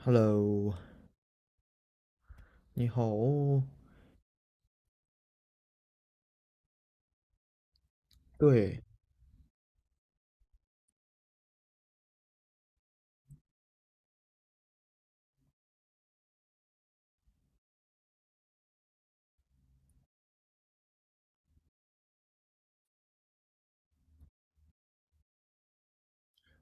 Hello，你好哦。对，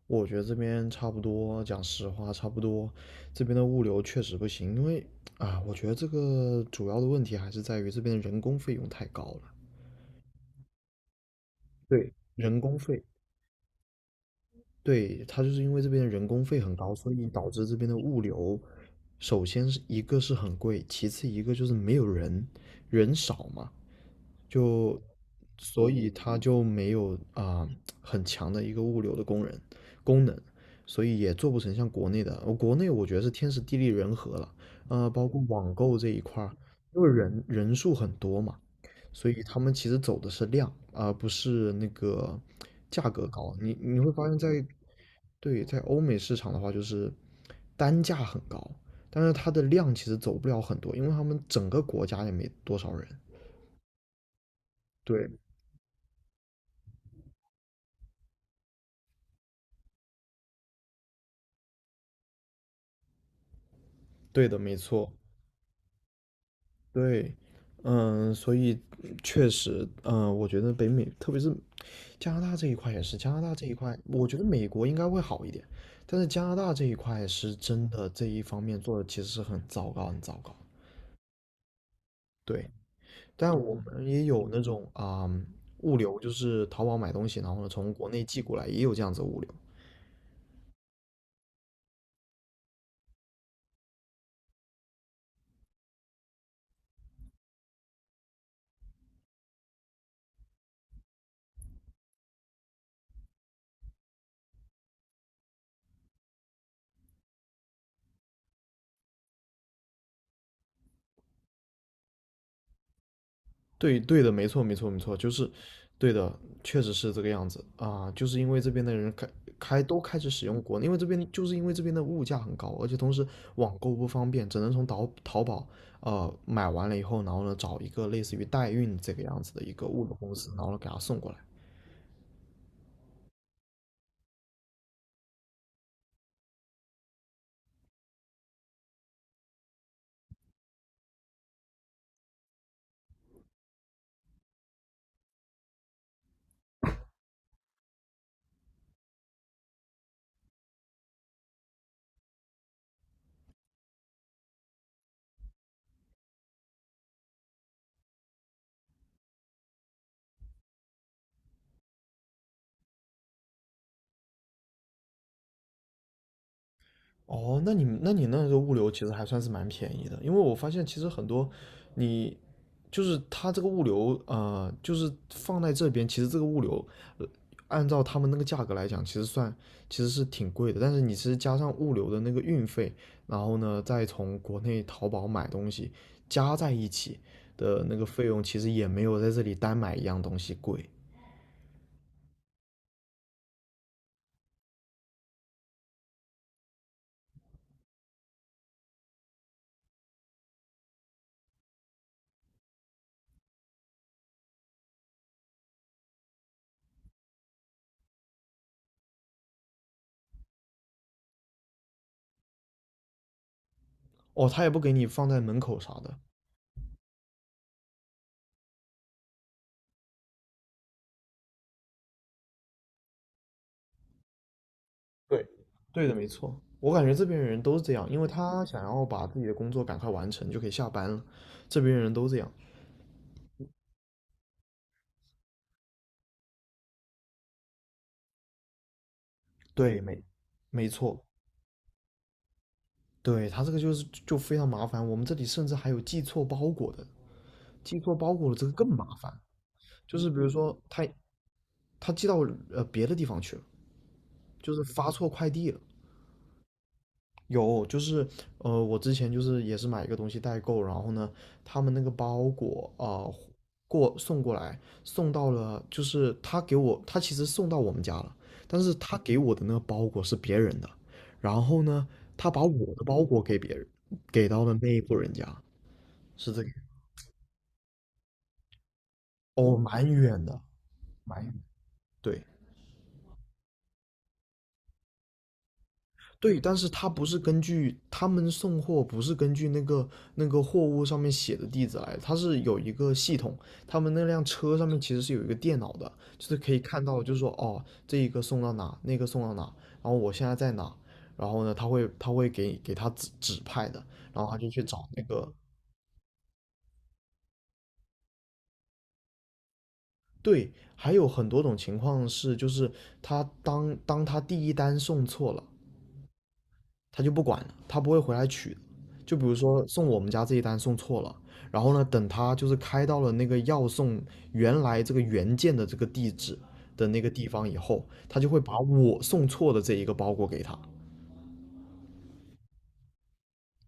我觉得这边差不多，讲实话，差不多。这边的物流确实不行，因为啊，我觉得这个主要的问题还是在于这边的人工费用太高了。对，人工费，对，它就是因为这边的人工费很高，所以导致这边的物流，首先是一个是很贵，其次一个就是没有人，人少嘛，就所以它就没有很强的一个物流的工人功能，所以也做不成像国内的。国内我觉得是天时地利人和了，包括网购这一块儿因为人数很多嘛，所以他们其实走的是量，而不是那个价格高。你会发现对，在欧美市场的话，就是单价很高，但是它的量其实走不了很多，因为他们整个国家也没多少人。对，对的，没错，对，嗯，所以确实，我觉得北美，特别是加拿大这一块也是，加拿大这一块，我觉得美国应该会好一点，但是加拿大这一块是真的这一方面做的其实是很糟糕，很糟糕。对，但我们也有那种物流，就是淘宝买东西，然后呢从国内寄过来，也有这样子的物流。对对的，没错没错没错，就是对的，确实是这个样子就是因为这边的人都开始使用国内，因为这边就是因为这边的物价很高，而且同时网购不方便，只能从淘宝买完了以后，然后呢找一个类似于代运这个样子的一个物流公司，然后呢给他送过来。哦，那你那个物流其实还算是蛮便宜的，因为我发现其实很多你就是它这个物流，就是放在这边，其实这个物流，呃，按照他们那个价格来讲，其实是挺贵的，但是你其实加上物流的那个运费，然后呢再从国内淘宝买东西加在一起的那个费用，其实也没有在这里单买一样东西贵。哦，他也不给你放在门口啥的，对，对的，没错。我感觉这边的人都是这样，因为他想要把自己的工作赶快完成，就可以下班了。这边人都这样。对，没错。对，他这个就是非常麻烦。我们这里甚至还有寄错包裹的，寄错包裹的这个更麻烦。就是比如说他寄到别的地方去了，就是发错快递了，有，就是我之前就是也是买一个东西代购，然后呢，他们那个包裹啊、呃过送过来，送到了，就是他给我，他其实送到我们家了，但是他给我的那个包裹是别人的，然后呢，他把我的包裹给别人，给到了那一户人家，是这个，哦，蛮远的，蛮远，对。对，但是他不是根据他们送货不是根据那个货物上面写的地址来他是有一个系统，他们那辆车上面其实是有一个电脑的，就是可以看到，就是说哦，这一个送到哪，那个送到哪，然后我现在在哪，然后呢，他会给他指派的，然后他就去找那个。对，还有很多种情况是，就是他当他第一单送错了，他就不管了，他不会回来取。就比如说送我们家这一单送错了，然后呢，等他就是开到了那个要送原来这个原件的这个地址的那个地方以后，他就会把我送错的这一个包裹给他。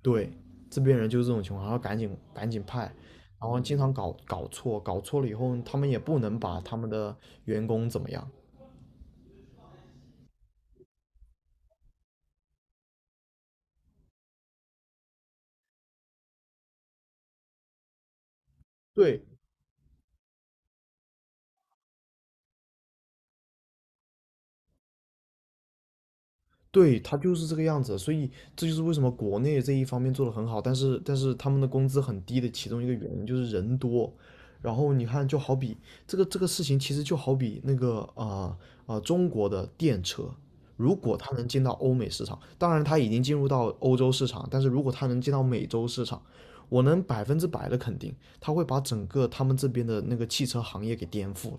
对，这边人就是这种情况，然后赶紧赶紧派，然后经常搞错，搞错了以后，他们也不能把他们的员工怎么样。对，对，他就是这个样子，所以这就是为什么国内这一方面做的很好，但是他们的工资很低的其中一个原因就是人多。然后你看，就好比这个事情，其实就好比中国的电车，如果它能进到欧美市场，当然它已经进入到欧洲市场，但是如果它能进到美洲市场，我能百分之百的肯定，它会把整个他们这边的那个汽车行业给颠覆了。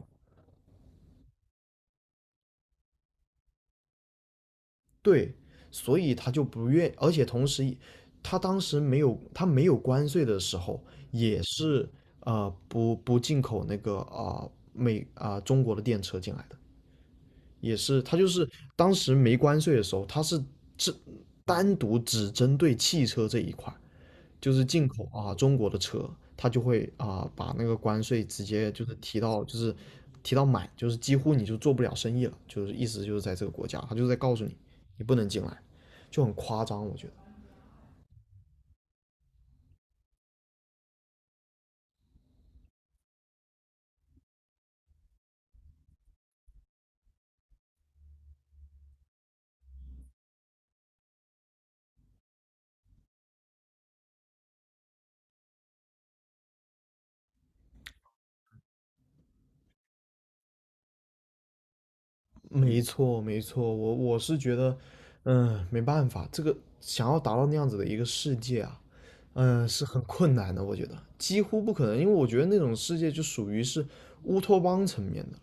对，所以他就不愿，而且同时，他当时没有关税的时候，也是不进口那个啊、呃美啊、呃中国的电车进来的，也是他就是当时没关税的时候，他是只单独只针对汽车这一块，就是进口啊中国的车，它就会啊把那个关税直接就是提到满，就是几乎你就做不了生意了，就是意思就是在这个国家，他就在告诉你你不能进来，就很夸张，我觉得。没错，没错，我是觉得，嗯，没办法，这个想要达到那样子的一个世界啊，是很困难的，我觉得几乎不可能，因为我觉得那种世界就属于是乌托邦层面的了。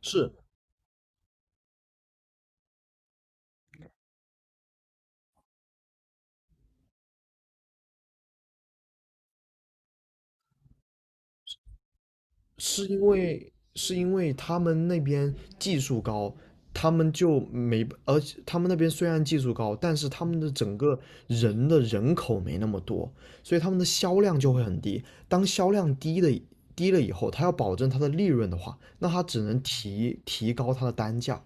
是是因为是因为他们那边技术高，他们就没，而且他们那边虽然技术高，但是他们的整个人口没那么多，所以他们的销量就会很低。当销量低了以后，他要保证他的利润的话，那他只能提高他的单价。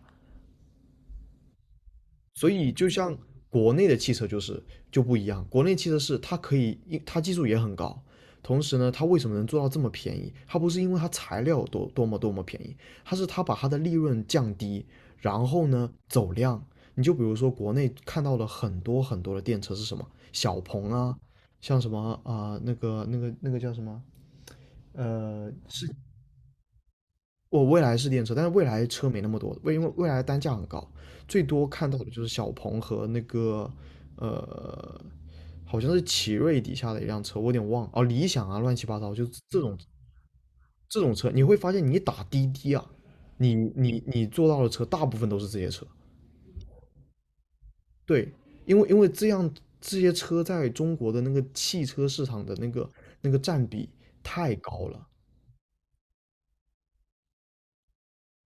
所以就像国内的汽车就是不一样，国内汽车是它可以，它技术也很高，同时呢，它为什么能做到这么便宜？它不是因为它材料多么多么便宜，它是它把它的利润降低，然后呢走量。你就比如说国内看到了很多很多的电车是什么小鹏啊，像什么那个叫什么呃是我未来是电车，但是未来车没那么多，因为未来单价很高，最多看到的就是小鹏和那个好像是奇瑞底下的一辆车，我有点忘了哦，理想啊，乱七八糟，就这种车，你会发现你打滴滴啊，你坐到的车大部分都是这些车，对，因为这些车在中国的那个汽车市场的那个占比太高了，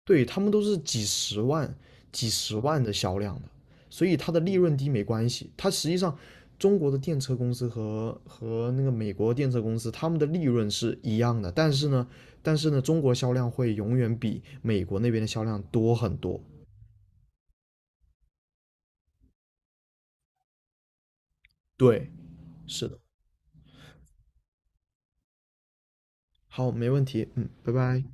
对，他们都是几十万、几十万的销量的，所以它的利润低没关系。它实际上，中国的电车公司和那个美国电车公司，他们的利润是一样的，但是呢，中国销量会永远比美国那边的销量多很多。对，是的。好，没问题。嗯，拜拜。